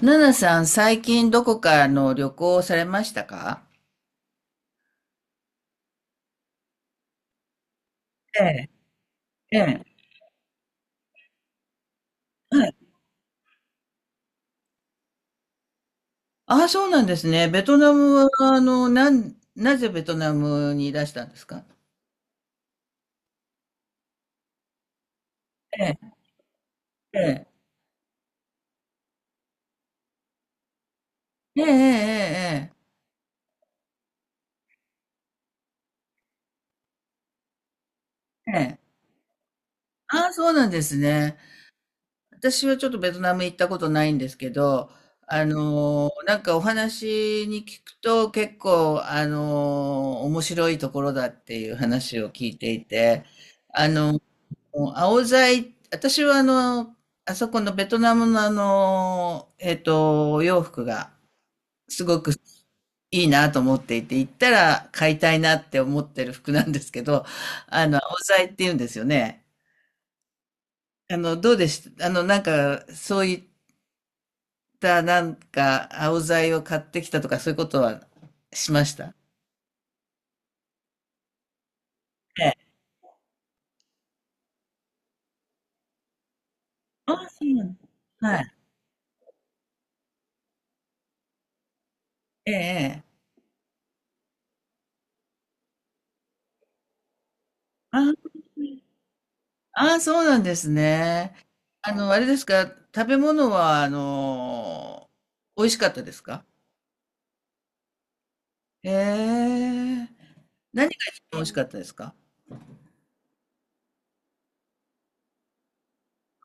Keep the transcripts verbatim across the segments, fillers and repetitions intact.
ナナさん、最近どこかの旅行をされましたか？ええ、ええ、はい。ああ、そうなんですね。ベトナムは、あの、なん、なぜベトナムにいらしたんですか？ええ、ええ、ええ、ええ、ええ、ええ。ああ、そうなんですね。私はちょっとベトナム行ったことないんですけど、あの、なんかお話に聞くと結構、あの、面白いところだっていう話を聞いていて、もう青材、私はあの、あそこのベトナムのあの、えっと、お洋服がすごくいいなと思っていて、行ったら買いたいなって思ってる服なんですけど、あの、青材って言うんですよね。あの、どうでした、あの、なんか、そういった、なんか、青材を買ってきたとか、そういうことはしました？ええ。あ、そうなんだ。はい。ええ、ええ。あああ、そうなんですね。あの、あれですか？食べ物は、あの、美味しかったですか？へえ。何が一番美味しかったですか？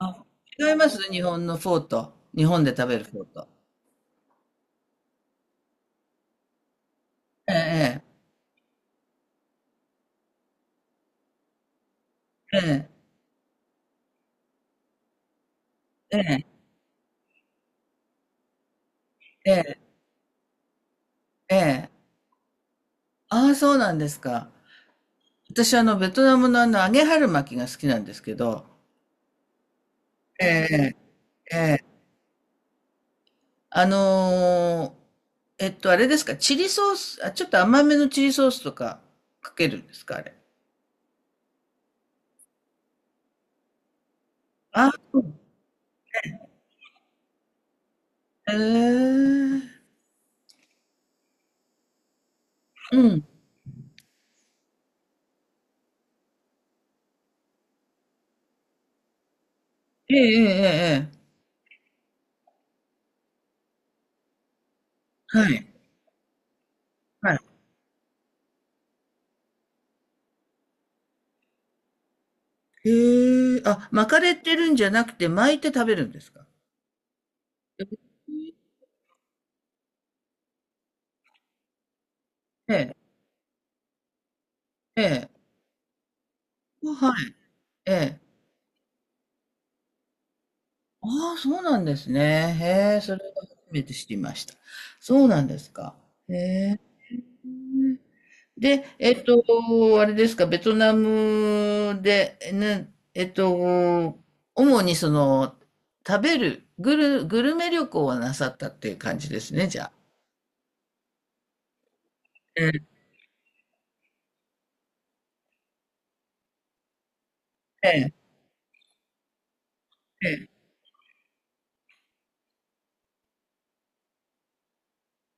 あ、違います？日本のフォーと。日本で食べるフォーと。ええ、ええ、ええ、ええ、ええ。ああ、そうなんですか。私、あの、ベトナムのあの、揚げ春巻きが好きなんですけど。ええ、ええ。あのーえっと、あれですか？チリソース、あ、ちょっと甘めのチリソースとかかけるんですか、あれ？あ、うん。へえー。うん。ええええええ。はい。はい。へえ、あ、巻かれてるんじゃなくて巻いて食べるんですか？ええええ。ええ、はい。ええ。ああ、そうなんですね。へえ、それは初めて知りました。そうなんですか？へえ。で、えっと、あれですか？ベトナムで、ね、えっと、主にその、食べる、グル、グルメ旅行はなさったっていう感じですね、じゃあ。ええ、ええ、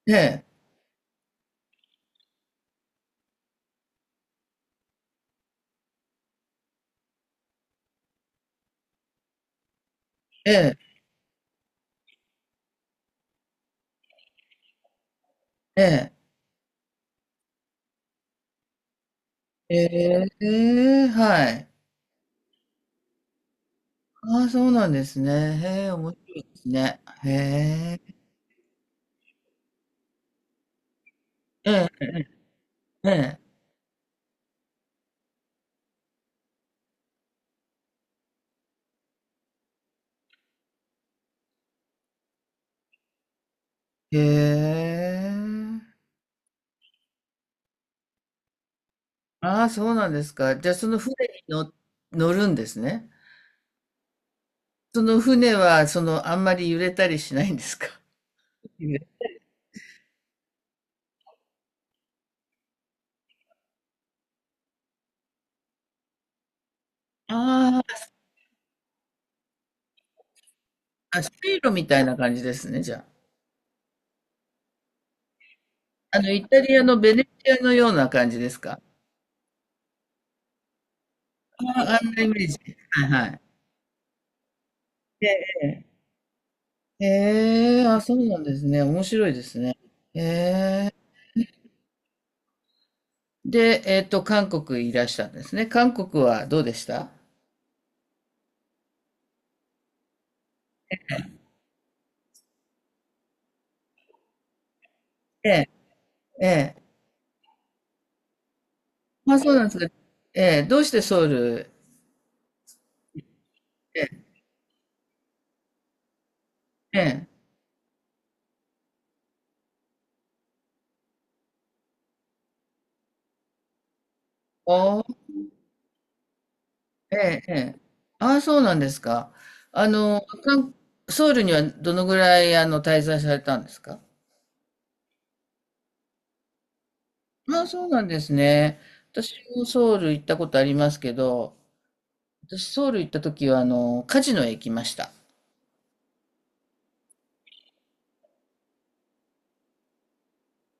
ええ、ええ、ええ、ええ、はい。ああ、そうなんですね。へえ、面白いですね。へえ、ええ、ええ、へえ。ああ、そうなんですか。じゃあ、その船に乗、乗るんですね。その船は、その、あんまり揺れたりしないんですか？ あーあ、水路みたいな感じですね、じゃあ。あの、イタリアのベネチアのような感じですか？ああ、あんなイメージ。はいはい。ええ。ええ、あ、そうなんですね。面白いですね。ええ。で、えっと、韓国いらしたんですね。韓国はどうでした？ええ、ええ。まあ、そうなんですか？ええ、どうしてソウル？ええ、ええ。お。ええ、ええ。ああ、そうなんですか。あの、韓ソウルにはどのぐらい、あの、滞在されたんですか？ああ、そうなんですね。私もソウル行ったことありますけど、私ソウル行った時は、あの、カジノへ行きました。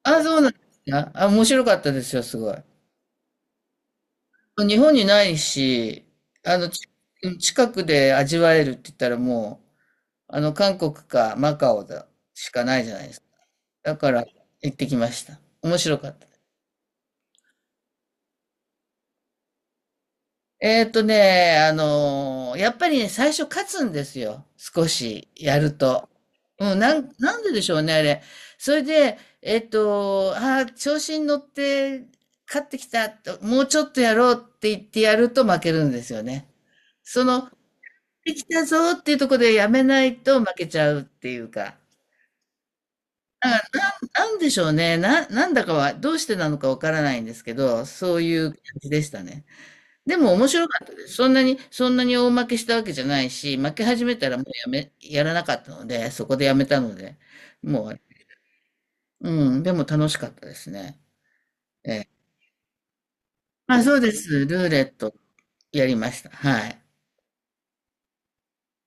ああ、そうなんですか。あ、面白かったですよ、すごい。日本にないし、あの、ち近くで味わえるって言ったらもう、あの、韓国かマカオだしかないじゃないですか。だから行ってきました。面白かった。えーっとね、あのーやっぱりね、最初勝つんですよ。少しやると。うん、なん、なんででしょうね、あれ？それで、えっと、あー調子に乗って勝ってきた、もうちょっとやろうって言ってやると負けるんですよね。その、できたぞっていうところでやめないと負けちゃうっていうか。なんか、なん、なんでしょうね。な、なんだかは、どうしてなのかわからないんですけど、そういう感じでしたね。でも面白かったです。そんなにそんなに大負けしたわけじゃないし、負け始めたらもうやめやらなかったので、そこでやめたので、もう、うん、でも楽しかったですね。ええ。まあ、そうです。ルーレットやりました。はい。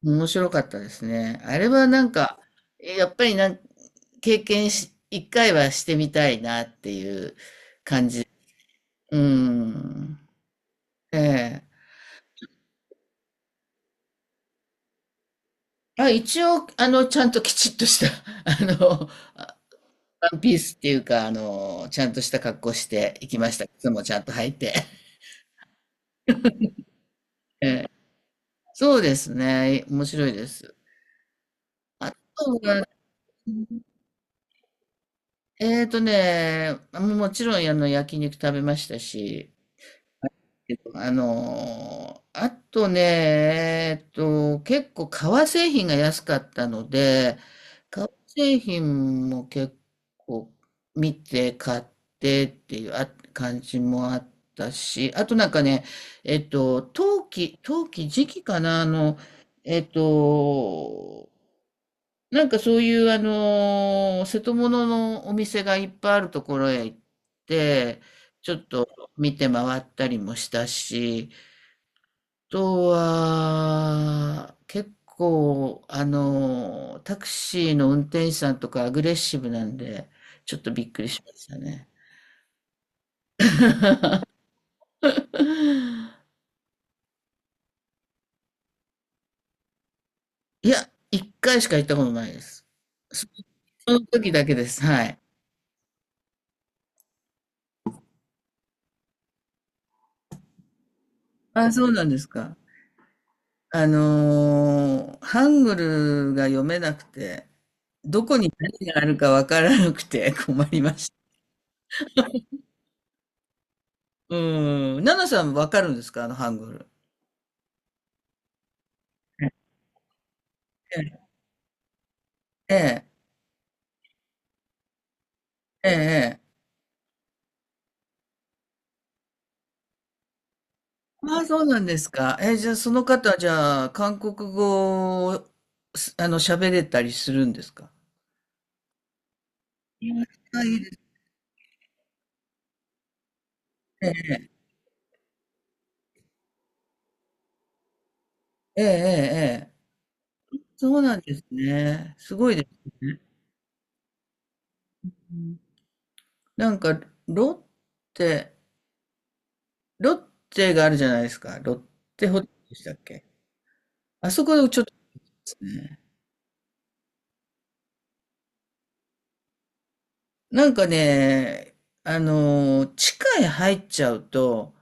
面白かったですね。あれはなんか、やっぱりなん、経験し、一回はしてみたいなっていう。うん。ええ。あ、一応、あの、ちゃんときちっとした、あの、ワンピースっていうか、あの、ちゃんとした格好して行きました。靴もちゃんと履いて。ええ、そうですね。面白いです。あとは、えーとね、もうもちろんあの焼肉食べましたし、あのーあとね、えっと、結構革製品が安かったので、革製品も結構見て買ってっていうあ感じもあったし、あとなんかね、えっと、陶器、陶器時期かな、あの、えっと、なんかそういうあのー瀬戸物のお店がいっぱいあるところへ行って、ちょっと見て回ったりもしたし、とは、結構、あの、タクシーの運転手さんとかアグレッシブなんで、ちょっとびっくりしましたね。いや、一回しか行ったことないです。そその時だけです。はい。あ、そうなんですか。あのーハングルが読めなくて、どこに何があるかわからなくて 困りました。うん。ナナさん、わかるんですか、あのハングル？ええ、ええ、ええ。えああ、そうなんですか？え、じゃあその方、じゃあ韓国語を、すあの、喋れたりするんですか？いや、いいですね。ええ、ええ、ええ。そうなんですね。すごいですね。うん、なんか、ロッテ、ロッテがあるじゃないですか。ロッテホテルでしたっけ？あそこちょっとですね。なんかね、あの、地下へ入っちゃうと、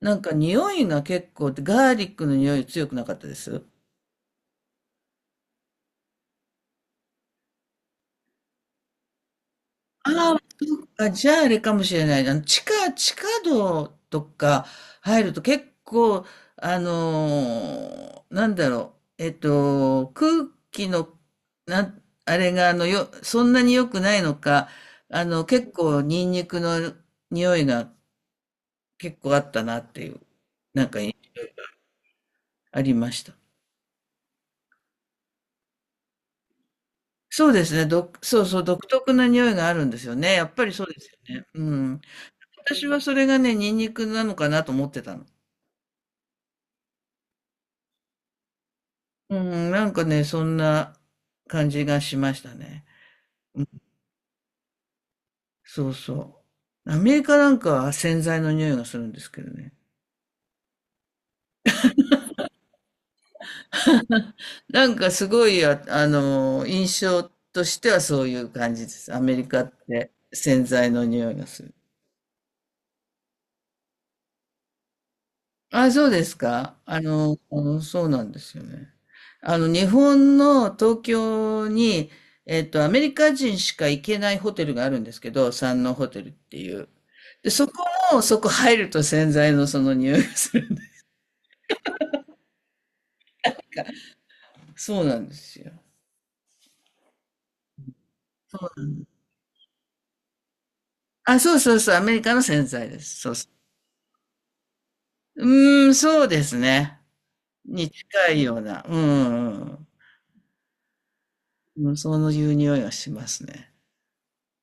なんか匂いが結構、ガーリックの匂い強くなかったですああ、そうか、じゃああれかもしれないな。地下、地下道とか入ると結構、あのーなんだろう、えっと、空気の、なん、あれが、あの、よ、そんなに良くないのか、あの、結構、ニンニクの匂いが結構あったなっていう、ありました。そうですね、ど、そうそう、独特な匂いがあるんですよね。やっぱりそうですよね。うん。私はそれがね、ニンニクなのかなと思ってたの。うん、なんかね、そんな感じがしましたね。うん、そうそう。アメリカなんかは洗剤の匂いがするんですけどね。なんかすごい、あ、あの、印象としてはそういう感じです。アメリカって洗剤の匂いがする。あ、そうですか。あの、そうなんですよね。あの、日本の東京に、えっと、アメリカ人しか行けないホテルがあるんですけど、山王ホテルっていう。で、そこも、そこ入ると洗剤のその匂いがする。そうなんですよ。あ、そうそうそう、アメリカの洗剤です。そうそう。うーん、そうですね。に近いような。うん、うんうん。そういう匂いがしますね。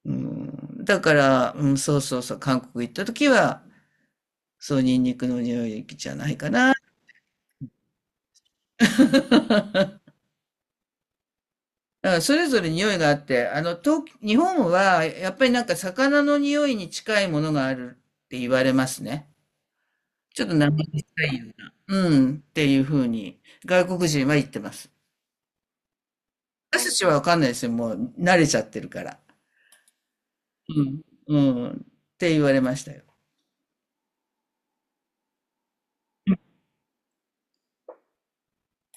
うん。だから、うん、そうそうそう、韓国行った時は、そう、ニンニクの匂いじゃないかな。だからそれぞれ匂いがあって、あの、東、日本は、やっぱりなんか魚の匂いに近いものがあるって言われますね。ちょっと生臭いような、うん、っていうふうに、外国人は言ってます。私たちはわかんないですよ。もう慣れちゃってるから。うん、うん、って言われましたよ。